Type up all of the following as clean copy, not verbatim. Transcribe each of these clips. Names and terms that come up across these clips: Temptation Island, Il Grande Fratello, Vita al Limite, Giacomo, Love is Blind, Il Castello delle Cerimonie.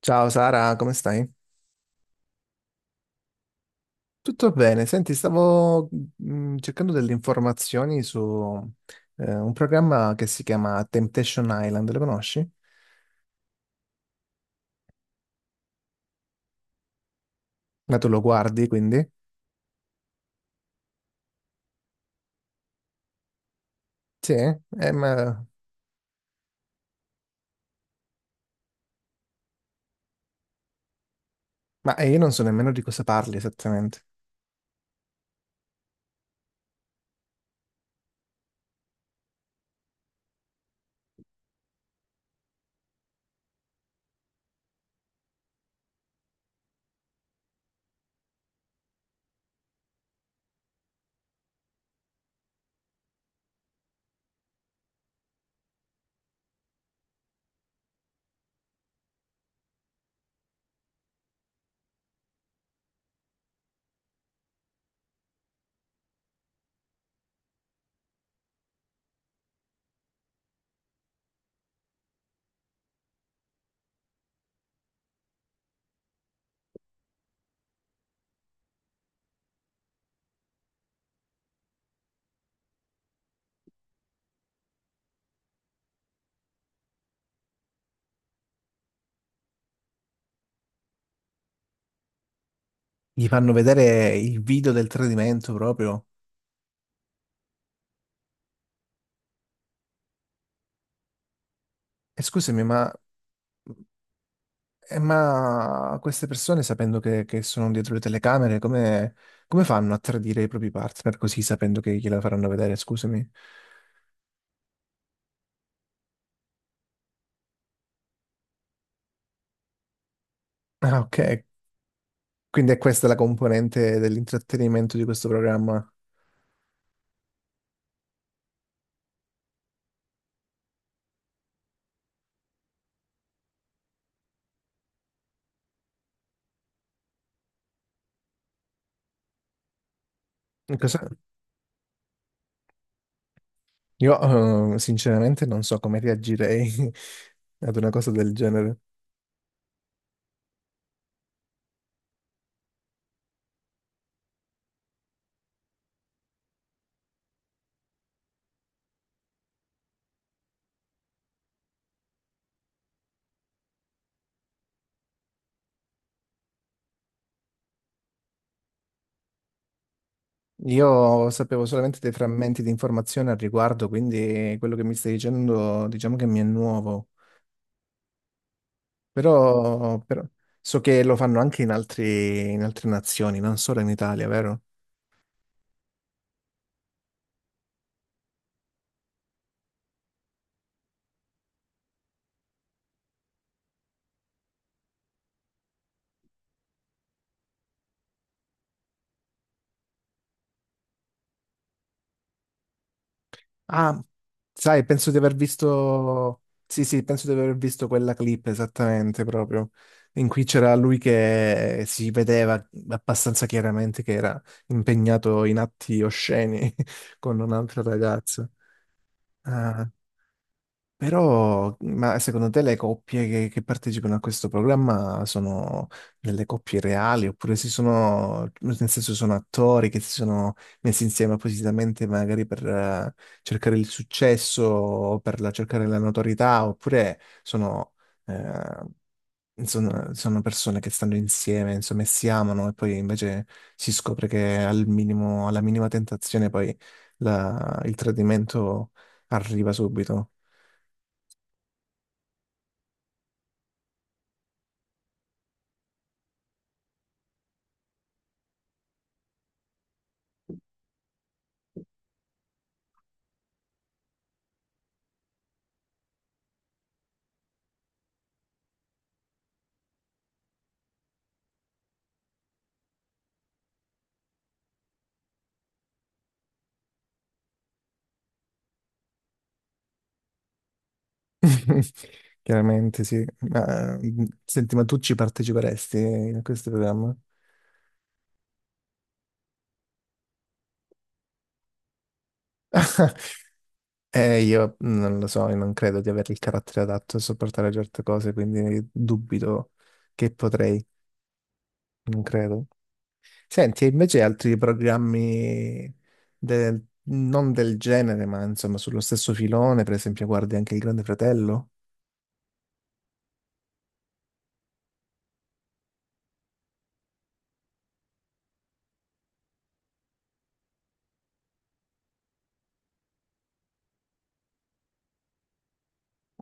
Ciao Sara, come stai? Tutto bene. Senti, stavo cercando delle informazioni su un programma che si chiama Temptation Island, lo conosci? Ma tu lo guardi, quindi? Sì? Ma, io non so nemmeno di cosa parli esattamente. Gli fanno vedere il video del tradimento proprio. E scusami, ma queste persone, sapendo che sono dietro le telecamere, come, come fanno a tradire i propri partner così, sapendo che gliela faranno vedere? Scusami. Ah, ok. Quindi è questa la componente dell'intrattenimento di questo programma. Cosa- Io sinceramente non so come reagirei ad una cosa del genere. Io sapevo solamente dei frammenti di informazione al riguardo, quindi quello che mi stai dicendo diciamo che mi è nuovo. Però so che lo fanno anche in altre nazioni, non solo in Italia, vero? Ah, sai, penso di aver visto. Sì, sì, penso di aver visto quella clip esattamente proprio. In cui c'era lui che si vedeva abbastanza chiaramente che era impegnato in atti osceni con un'altra ragazza. Ah. Però, ma secondo te le coppie che partecipano a questo programma sono delle coppie reali oppure si sono, nel senso sono attori che si sono messi insieme appositamente magari per cercare il successo o cercare la notorietà oppure sono, eh, insomma, sono persone che stanno insieme, insomma, e si amano e poi invece si scopre che al minimo, alla minima tentazione poi il tradimento arriva subito. Chiaramente sì. Ma, mm, senti, ma tu ci parteciperesti a questo programma? Io non lo so, io non credo di avere il carattere adatto a sopportare certe cose, quindi dubito che potrei, non credo. Senti, e invece altri programmi non del genere, ma insomma sullo stesso filone, per esempio, guardi anche Il Grande Fratello?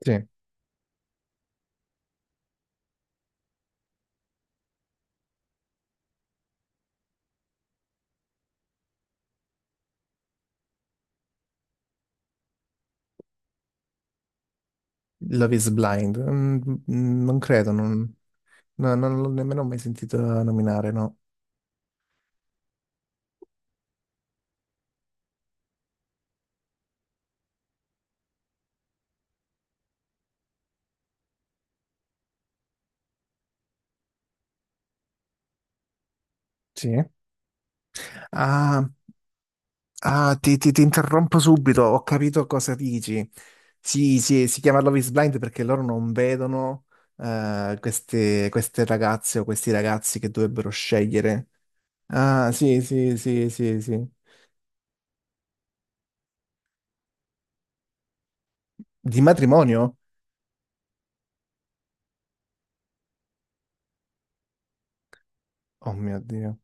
Sì. Love is Blind? Mm, mm, non credo, non, no, non l'ho nemmeno mai sentito nominare, no. Sì. Ah, ah, ti, ti interrompo subito, ho capito cosa dici. Sì, sì, si chiama Love is Blind perché loro non vedono queste, queste ragazze o questi ragazzi che dovrebbero scegliere. Ah, sì, sì, sì, sì, sì. Di matrimonio? Oh mio Dio.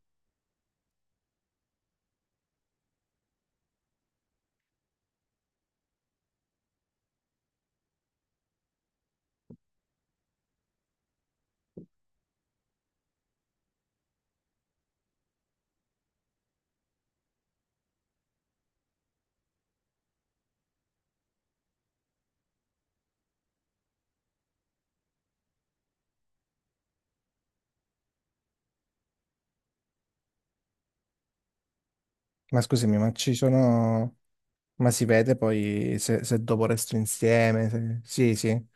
Ma scusami, ma ci sono... Ma si vede poi se, se dopo resto insieme? Sì, sì.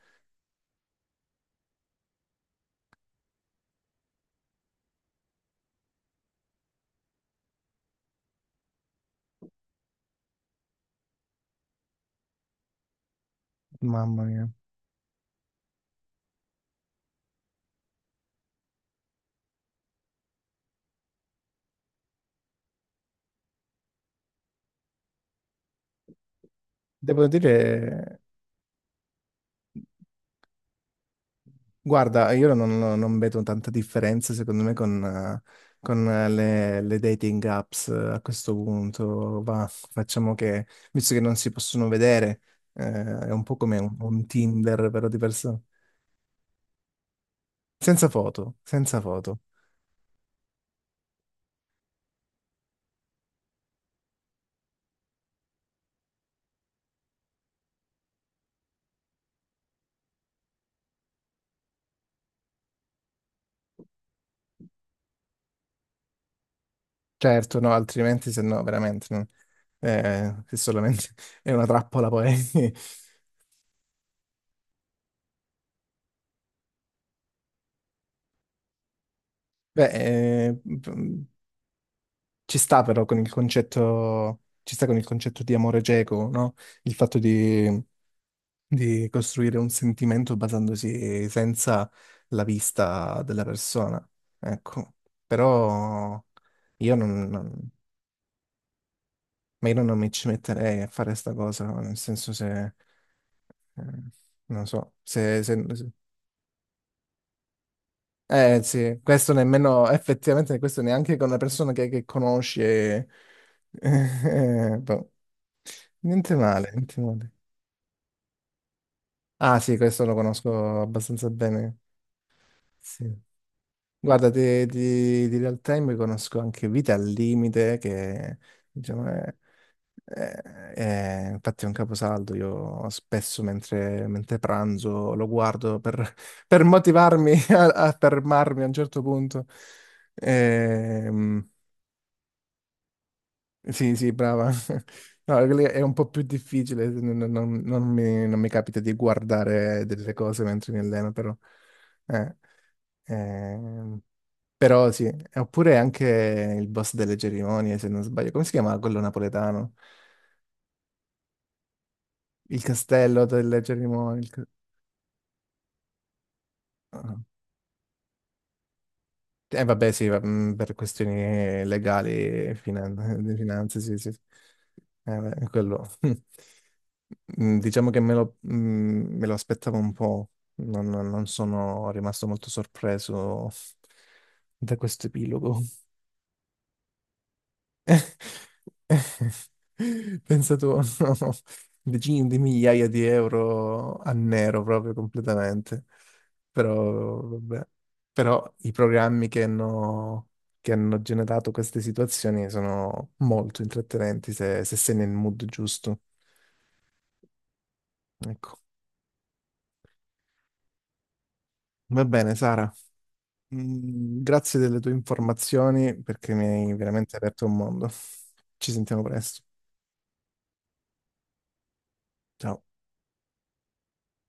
Mamma mia. Devo dire... Guarda, io non vedo tanta differenza secondo me con le dating apps a questo punto. Va, facciamo che, visto che non si possono vedere, è un po' come un Tinder, però di persone. Senza foto, senza foto. Certo, no, altrimenti se no veramente se solamente è una trappola poi. Beh, eh, p- ci sta però con il concetto, ci sta con il concetto di amore cieco, no? Il fatto di costruire un sentimento basandosi senza la vista della persona. Ecco, però io non, non- ma io non mi ci metterei a fare sta cosa, nel senso se, eh, non so, eh sì, questo nemmeno, effettivamente questo neanche con una persona che conosci boh. Niente male, niente male. Ah sì, questo lo conosco abbastanza bene, sì. Guarda, di real time conosco anche Vita al Limite, che diciamo, infatti è un caposaldo. Io spesso mentre pranzo lo guardo per motivarmi a, a fermarmi a un certo punto. Ehm, sì, sì, brava. No, lì è un po' più difficile, non mi, non mi capita di guardare delle cose mentre mi alleno, però. eh, ehm, però sì. E oppure anche il boss delle cerimonie, se non sbaglio. Come si chiama quello napoletano? Il castello delle cerimonie. Ah, eh, vabbè, sì, mm, per questioni legali e di finanze, sì, sì, sì. Beh, quello. Mm, diciamo che me lo aspettavo un po', non sono rimasto molto sorpreso da questo epilogo. Pensato decine di migliaia di euro a nero proprio completamente. Però, vabbè. Però i programmi che hanno generato queste situazioni sono molto intrattenenti se, se sei nel mood giusto. Ecco. Va bene, Sara. Mm, grazie delle tue informazioni perché mi hai veramente aperto un mondo. Ci sentiamo presto. Ciao.